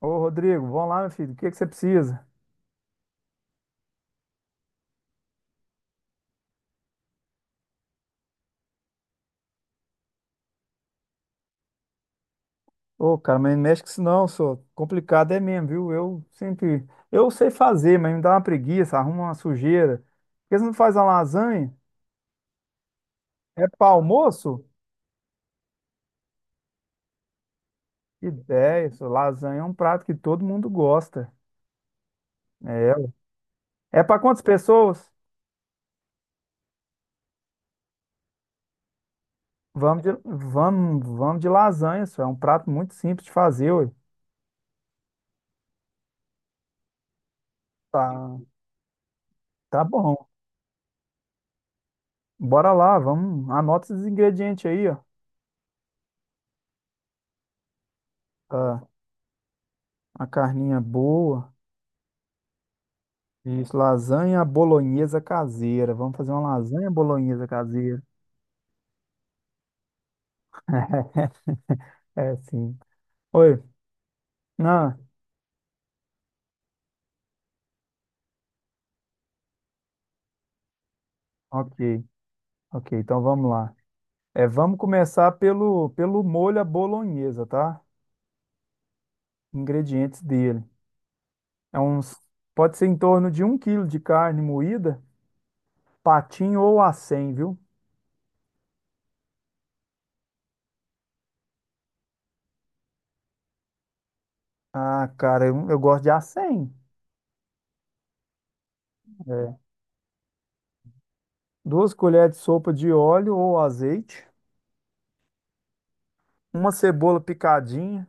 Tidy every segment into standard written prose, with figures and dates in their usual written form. Ô, Rodrigo, vamos lá, meu filho. O que é que você precisa? Ô, cara, mas não mexe com isso não, só. Complicado é mesmo, viu? Eu sempre. Eu sei fazer, mas me dá uma preguiça, arruma uma sujeira. Por que você não faz uma lasanha? É para almoço? Que ideia, só. Lasanha é um prato que todo mundo gosta. É, ué. É para quantas pessoas? Vamos de lasanha, só. É um prato muito simples de fazer, ué. Tá, tá bom. Bora lá, vamos. Anota esses ingredientes aí, ó. Tá, uma carninha boa. Isso, lasanha bolonhesa caseira. Vamos fazer uma lasanha bolonhesa caseira. É, sim. Oi. Ah, ok. Ok, então vamos lá. É, vamos começar pelo molho à bolonhesa, tá? Ingredientes dele. É uns, pode ser em torno de um quilo de carne moída, patinho ou acém, viu? Ah, cara, eu gosto de acém. É. Duas colheres de sopa de óleo ou azeite, uma cebola picadinha,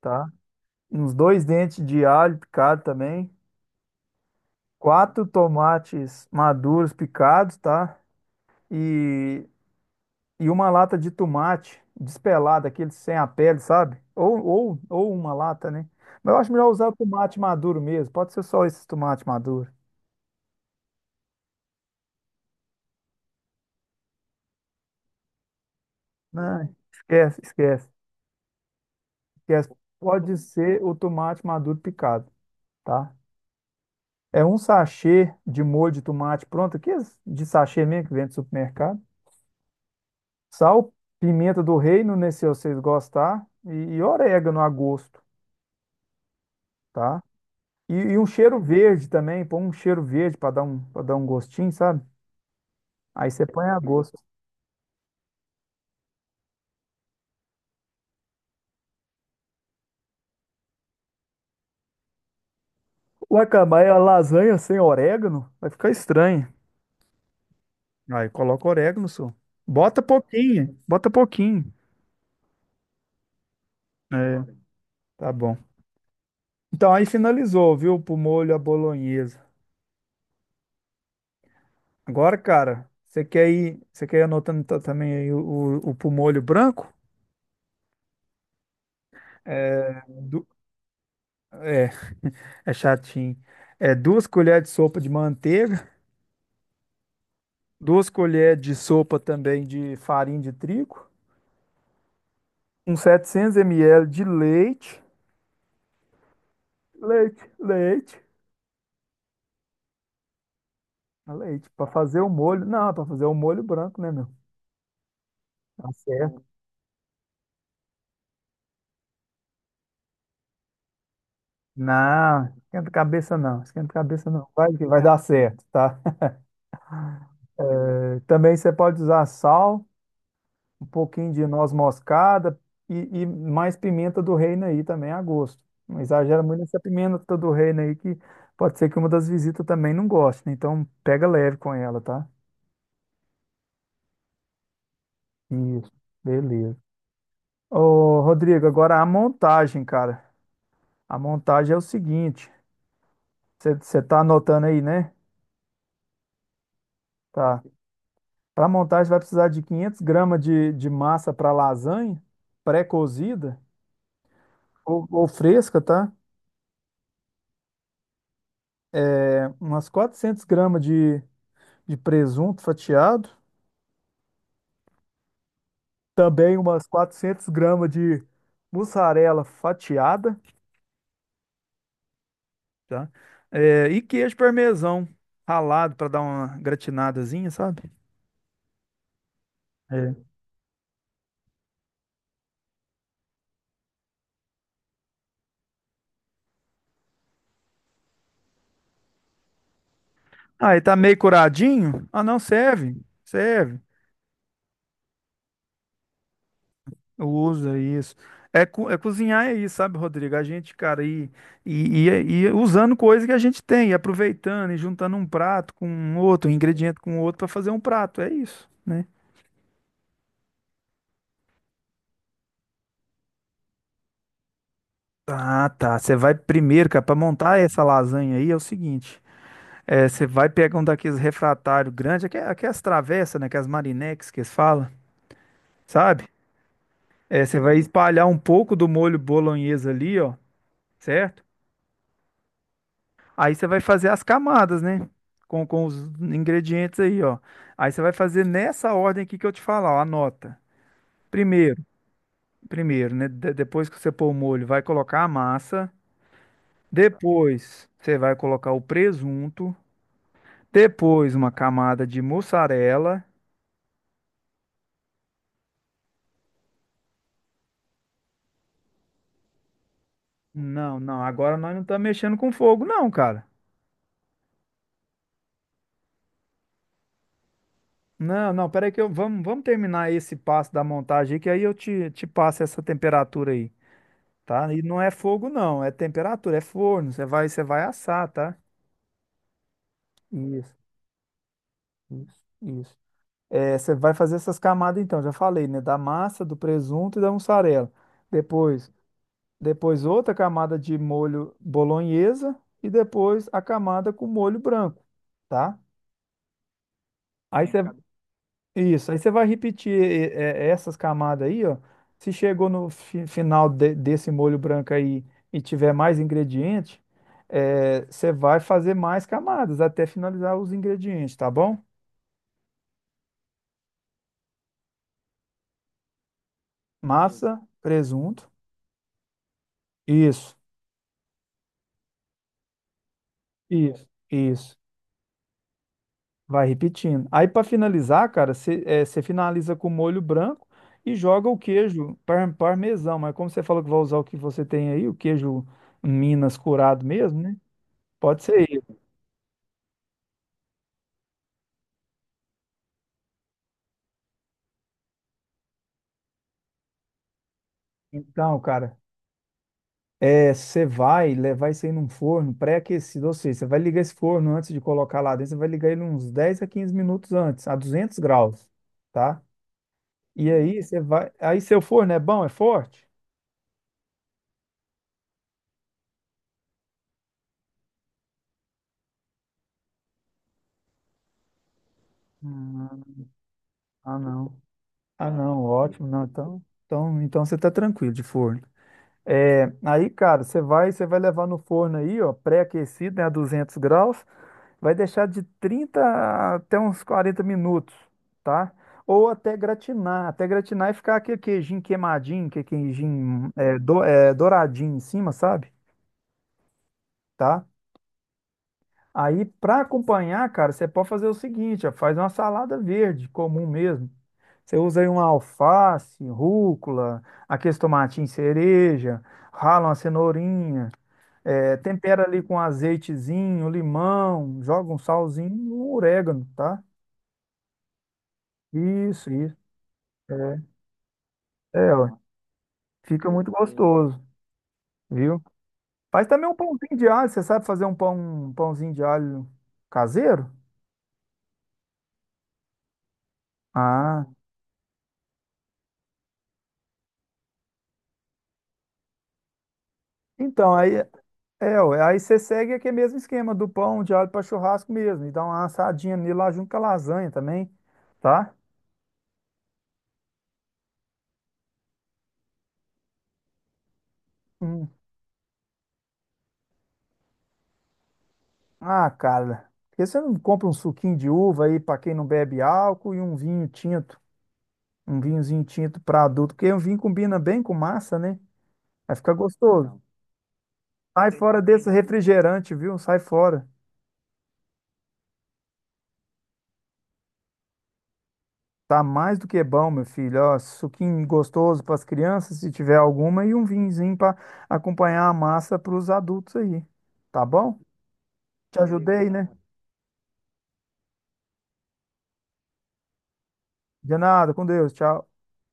tá? Uns dois dentes de alho picado também, quatro tomates maduros picados, tá? E, e uma lata de tomate despelado, aquele sem a pele, sabe? Ou uma lata, né? Mas eu acho melhor usar o tomate maduro mesmo. Pode ser só esse tomate maduro. Não, esquece. Pode ser o tomate maduro picado, tá? É um sachê de molho de tomate pronto, aqui de sachê mesmo que vem do supermercado. Sal, pimenta do reino, né, se vocês gostar, e orégano a gosto, tá? E um cheiro verde também, põe um cheiro verde para dar um gostinho, sabe? Aí você põe a gosto. Ué, cara, mas a lasanha sem orégano vai ficar estranho. Aí coloca orégano, só. Bota pouquinho, bota pouquinho. É, tá bom. Então aí finalizou, viu? Pro molho à bolonhesa. Agora, cara, você quer ir anotando ta- também aí o pro molho branco? É, du- é, é chatinho. É duas colheres de sopa de manteiga, duas colheres de sopa também de farinha de trigo, uns 700 ml de leite, leite, leite, Ah, leite, para fazer o molho. Não, para fazer o molho branco, né, meu? Tá certo. Não, esquenta a cabeça não, esquenta a cabeça não. Vai que vai dar certo, tá? É, também você pode usar sal, um pouquinho de noz moscada e, e mais pimenta do reino aí também a gosto. Não exagera muito nessa pimenta do reino aí que pode ser que uma das visitas também não goste, né? Então pega leve com ela, tá? Isso, beleza. Ô, Rodrigo, agora a montagem, cara. A montagem é o seguinte, você tá anotando aí, né? Tá. Para montagem vai precisar de 500 gramas de massa para lasanha, pré-cozida ou fresca, tá? É, umas 400 gramas de presunto fatiado, também umas 400 gramas de mussarela fatiada, tá? É, e queijo parmesão ralado para dar uma gratinadazinha, sabe? É. Aí tá meio curadinho? Ah, não, serve. Usa isso. É, co- é cozinhar é isso, sabe, Rodrigo? A gente, cara, e usando coisa que a gente tem, e aproveitando e juntando um prato com um outro, um ingrediente com outro para fazer um prato, é isso, né? Ah, tá. Você vai primeiro, cara, para montar essa lasanha aí é o seguinte. É, você vai pegar um daqueles refratários grandes, aque- aquelas travessas, né? Aquelas marinex que eles falam, sabe? É, você vai espalhar um pouco do molho bolonhesa ali, ó, certo? Aí você vai fazer as camadas, né? Com os ingredientes aí, ó. Aí você vai fazer nessa ordem aqui que eu te falar, ó, anota. Primeiro, né? De- depois que você pôr o molho, vai colocar a massa. Depois, você vai colocar o presunto. Depois uma camada de mussarela. Não, não, agora nós não estamos mexendo com fogo, não, cara. Não, não, peraí que eu, vamos terminar esse passo da montagem aí, que aí eu te passo essa temperatura aí, tá? E não é fogo, não, é temperatura, é forno, você vai assar, tá? Isso, isso. É, você vai fazer essas camadas então, já falei, né? Da massa, do presunto e da mussarela. Depois, depois outra camada de molho bolonhesa e depois a camada com molho branco, tá? Aí você, isso, aí você vai repetir e- é, essas camadas aí, ó. Se chegou no fi- final de- desse molho branco aí e tiver mais ingrediente, é, você vai fazer mais camadas até finalizar os ingredientes, tá bom? Beleza. Massa, presunto, isso, isso. Vai repetindo. Aí para finalizar, cara, você finaliza com molho branco e joga o queijo par- parmesão. Mas como você falou que vai usar o que você tem aí, o queijo Minas curado mesmo, né? Pode ser. Então, cara, é, você vai levar isso aí num forno pré-aquecido, ou seja, você vai ligar esse forno antes de colocar lá dentro, você vai ligar ele uns 10 a 15 minutos antes, a 200 graus, tá? E aí você vai, aí seu forno é bom, é forte? Ah, ah, não. Ah, não, ótimo, não, então você tá tranquilo de forno. É, aí, cara, você vai levar no forno aí, ó, pré-aquecido, né, a 200 graus, vai deixar de 30 até uns 40 minutos, tá? Ou até gratinar e ficar aquele queijinho queimadinho, que queijinho é, do- é, douradinho em cima, sabe? Tá? Aí, para acompanhar, cara, você pode fazer o seguinte, ó, faz uma salada verde, comum mesmo. Você usa aí uma alface, rúcula, aqueles tomatinhos cereja, rala uma cenourinha, é, tempera ali com azeitezinho, limão, joga um salzinho, e um orégano, tá? Isso. É, ó, fica muito gostoso, viu? Faz também um pãozinho de alho, você sabe fazer um pão, um pãozinho de alho caseiro? Ah, então, aí, é, ó, aí você segue aquele mesmo esquema do pão de alho para churrasco mesmo, e dá uma assadinha nele lá junto com a lasanha também, tá? Hum. Ah, cara, por que você não compra um suquinho de uva aí para quem não bebe álcool e um vinho tinto? Um vinhozinho tinto para adulto, porque um vinho combina bem com massa, né? Vai ficar gostoso. Sai fora desse refrigerante, viu? Sai fora. Tá mais do que bom, meu filho. Ó, suquinho gostoso para as crianças, se tiver alguma, e um vinhozinho para acompanhar a massa para os adultos aí. Tá bom? Te ajudei, né? Então. De nada, com Deus. Tchau.